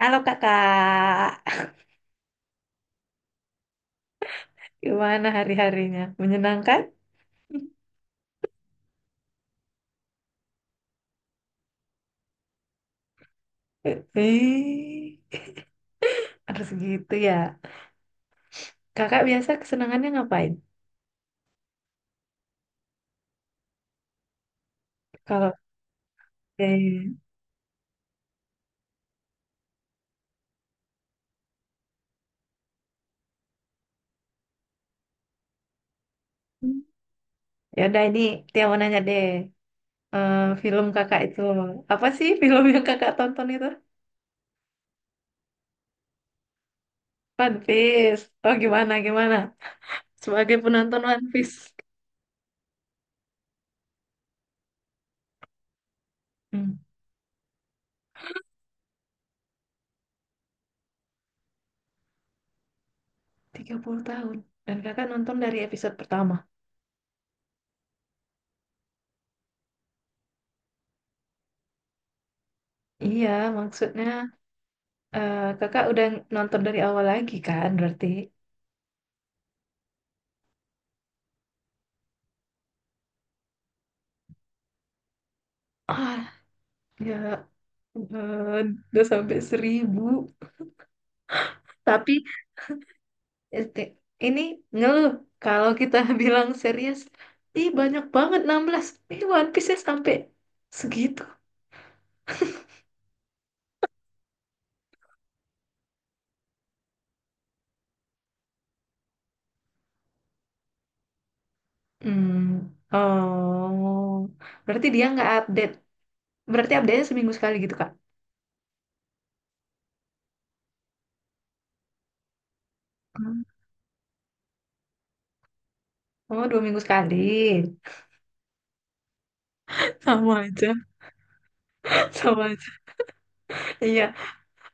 Halo kakak, gimana hari-harinya? Menyenangkan? Eh, Harus gitu ya. Kakak biasa kesenangannya ngapain? Kalau eh, ya udah ini Tia mau nanya deh. Eh, Film kakak itu apa sih film yang kakak tonton itu? One Piece. Oh gimana gimana? Sebagai penonton One Piece. Hmm, 30 tahun. Dan kakak nonton dari episode pertama. Iya, maksudnya kakak udah nonton dari awal lagi kan berarti. Ah, ya ampun, udah sampai seribu. Tapi este, ini ngeluh kalau kita bilang serius, ih banyak banget 16 ini One Piece-nya sampai segitu. Hmm, oh, berarti dia nggak update. Berarti update-nya seminggu sekali gitu, Kak? Hmm. Oh, dua minggu sekali. Sama aja, sama aja. Iya.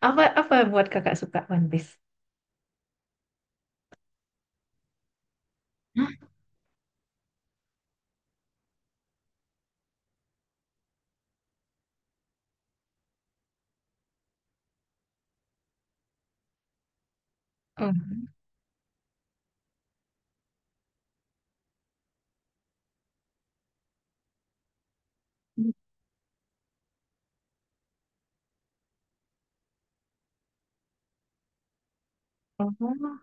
Apa apa yang buat kakak suka One Piece? Hah? Oh. Oh,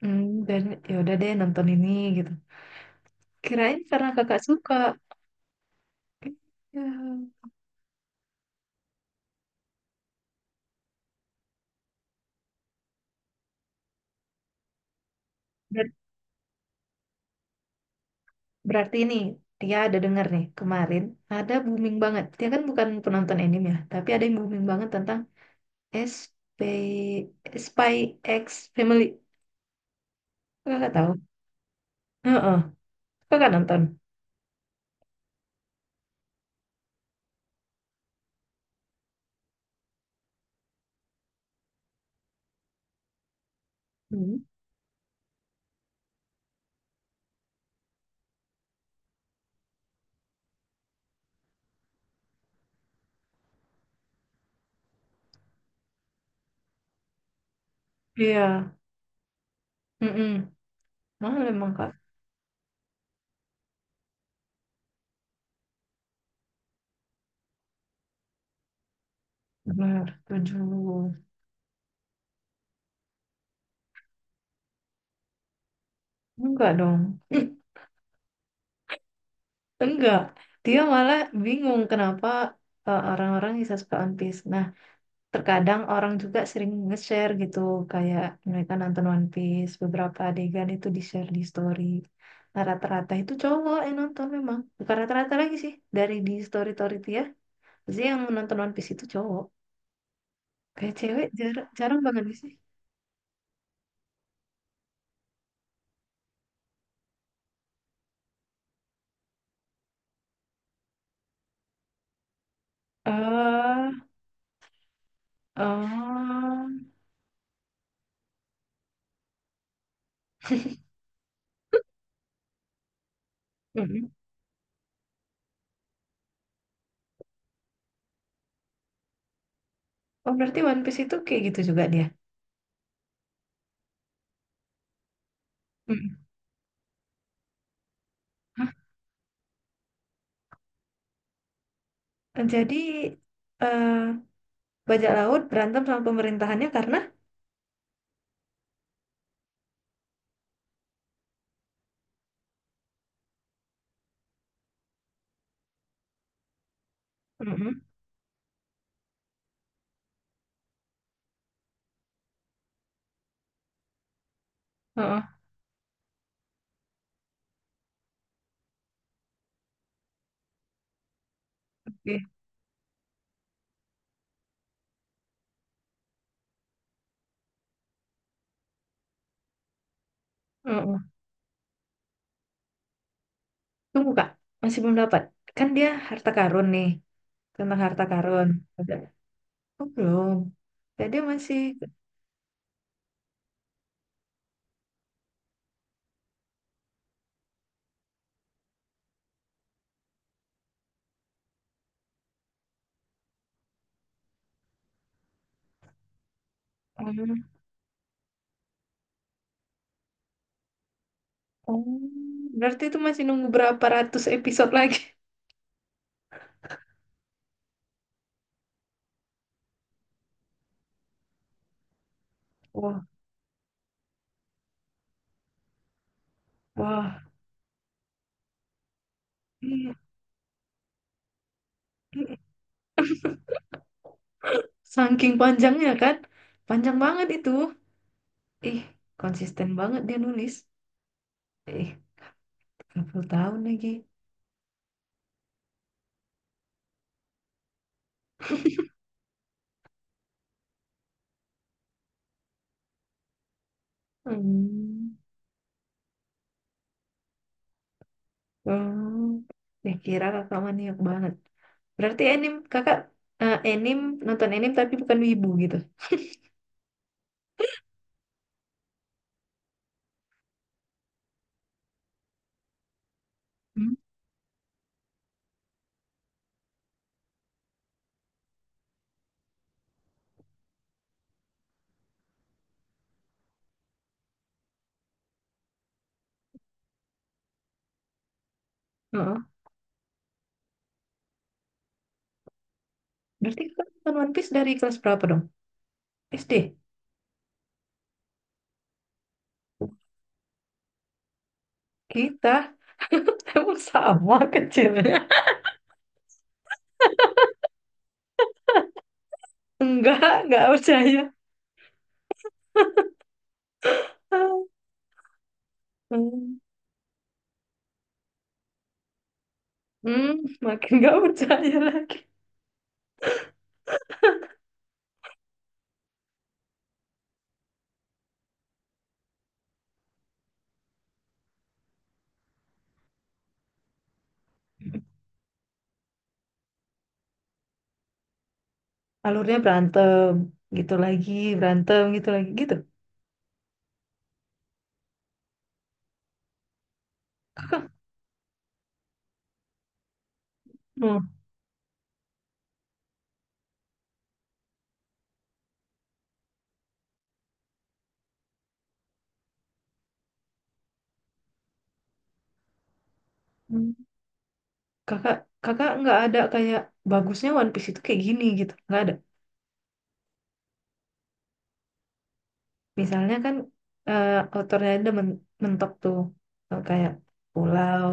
hmm, dan ya udah deh nonton ini gitu. Kirain karena kakak suka. Ya. Ber- Berarti ini dia ada dengar nih kemarin ada booming banget. Dia kan bukan penonton anime ya, tapi ada yang booming banget tentang SP Spy X Family. Kakak tahu? Heeh. Kakak nonton? Hmm. Iya. Mm-mm. Mahal emang kak. Benar. Tujuh. Enggak dong. Enggak. Dia malah bingung kenapa orang-orang bisa suka One Piece. Nah, terkadang orang juga sering nge-share gitu kayak mereka nonton One Piece beberapa adegan itu di-share di story, nah, rata-rata itu cowok yang nonton memang bukan rata-rata lagi sih dari di story-story itu ya pasti yang menonton One Piece itu cowok kayak cewek jarang, jarang banget nggak sih. eh oh, mm-mm. Oh, berarti One Piece itu kayak gitu juga dia. Mm-mm. Hah? Jadi eh bajak laut berantem sama pemerintahannya karena mm-mm. Oh, oh, oke. Tunggu Kak, masih belum dapat. Kan dia harta karun nih, tentang harta karun. Udah. Oh, belum. Jadi masih hmm, oh, berarti itu masih nunggu berapa ratus episode lagi. Wah, wah. Iya, iya. Saking panjangnya kan. Panjang banget itu. Ih, konsisten banget dia nulis. Ih, 30 tahun lagi. Hmm. Hmm. Ya kira kakak maniak banget. Berarti anim kakak eh, anim nonton anim tapi bukan wibu gitu. Hmm. Heeh. Berarti kakak nonton One Piece dari kelas berapa dong? SD? Kita emang sama kecilnya. Enggak percaya. Hmm, hmm, makin enggak percaya lagi. Alurnya gitu lagi, berantem, gitu lagi, gitu. Kakak, hmm, hmm, kakak, kakak enggak ada kayak bagusnya One Piece itu kayak gini gitu. Enggak ada. Misalnya kan eh autornya ada mentok tuh. Eh, kayak pulau,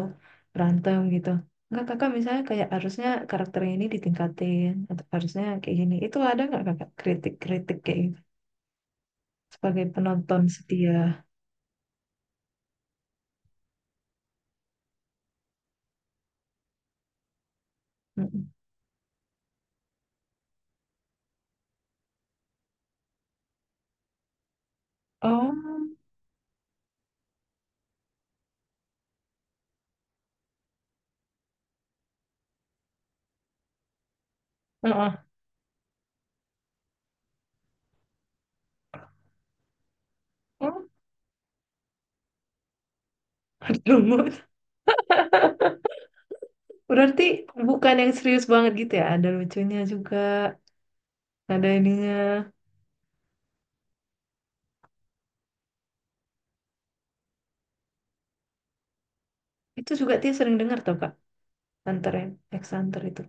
berantem gitu. Enggak kakak misalnya kayak harusnya karakter ini ditingkatin atau harusnya kayak gini. Itu ada nggak kakak kritik-kritik kayak gitu sebagai penonton setia? Mm-mm. Oh, heeh. Oh, lumut. Berarti bukan yang serius banget gitu ya. Ada lucunya juga, ada ininya. Itu juga dia sering dengar tuh kak, Hunter x Hunter itu.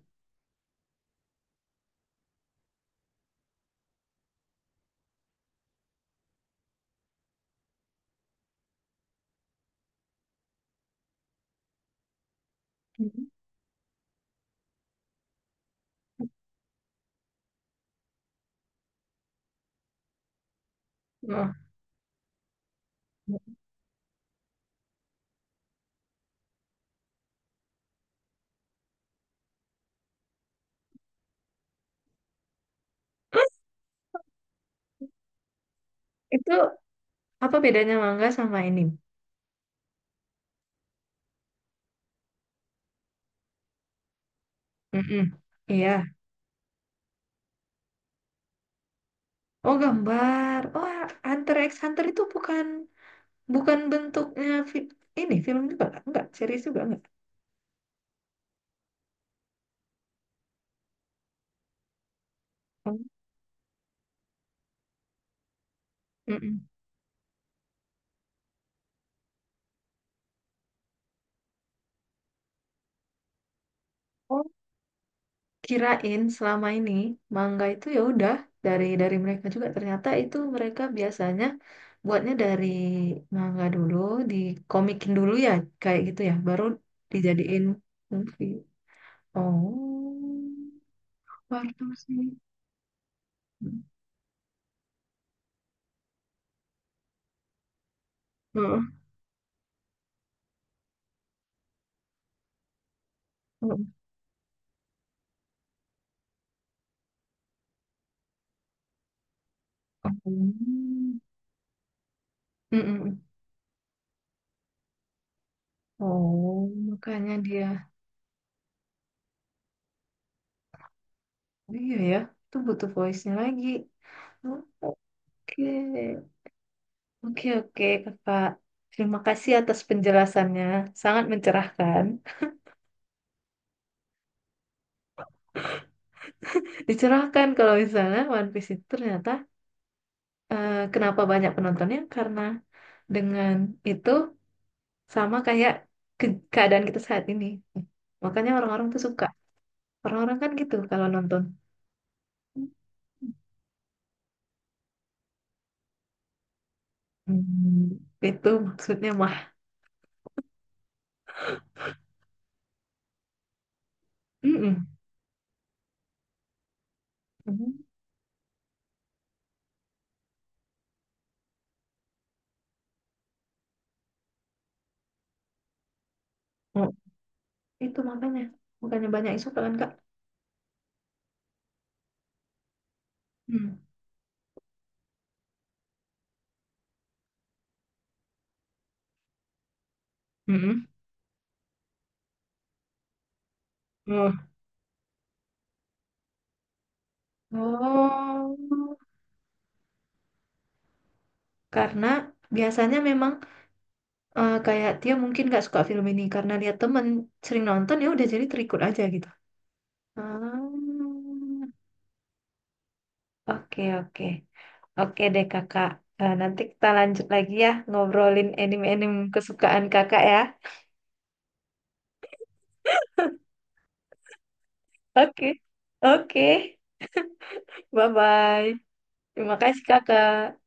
Mhm. Oh. Itu apa bedanya mangga sama ini? Mm-mm. Iya. Oh, gambar. Oh, Hunter x Hunter itu bukan bukan bentuknya ini film juga nggak? Enggak, series juga enggak. Oh, mm-mm. Oh, kirain selama ini mangga itu ya udah dari mereka juga. Ternyata itu mereka biasanya buatnya dari mangga dulu, dikomikin dulu ya, kayak gitu ya, baru dijadiin movie. Oh, baru tahu sih. Heeh. Hmm. Mm-mm. Oh, makanya dia. Oh, iya ya, itu butuh voice-nya lagi. Oh, oke, oke, oke, Kakak. Terima kasih atas penjelasannya. Sangat mencerahkan. Dicerahkan kalau misalnya One Piece itu ternyata kenapa banyak penontonnya? Karena dengan itu sama kayak keadaan kita saat ini. Makanya orang-orang tuh suka. Orang-orang kan gitu kalau nonton. Hmm, itu maksudnya mah. Mm-mm. Mm-hmm. Oh, itu makanya bukannya banyak isu kan Kak? Hmm. Mm-mm. Oh. Oh, karena biasanya memang kayak dia mungkin nggak suka film ini karena lihat temen sering nonton ya udah jadi terikut aja gitu. Ah, oke oke oke deh kakak. Nanti kita lanjut lagi ya ngobrolin anime-anime kesukaan kakak ya. Oke oke, bye bye. Terima kasih kakak.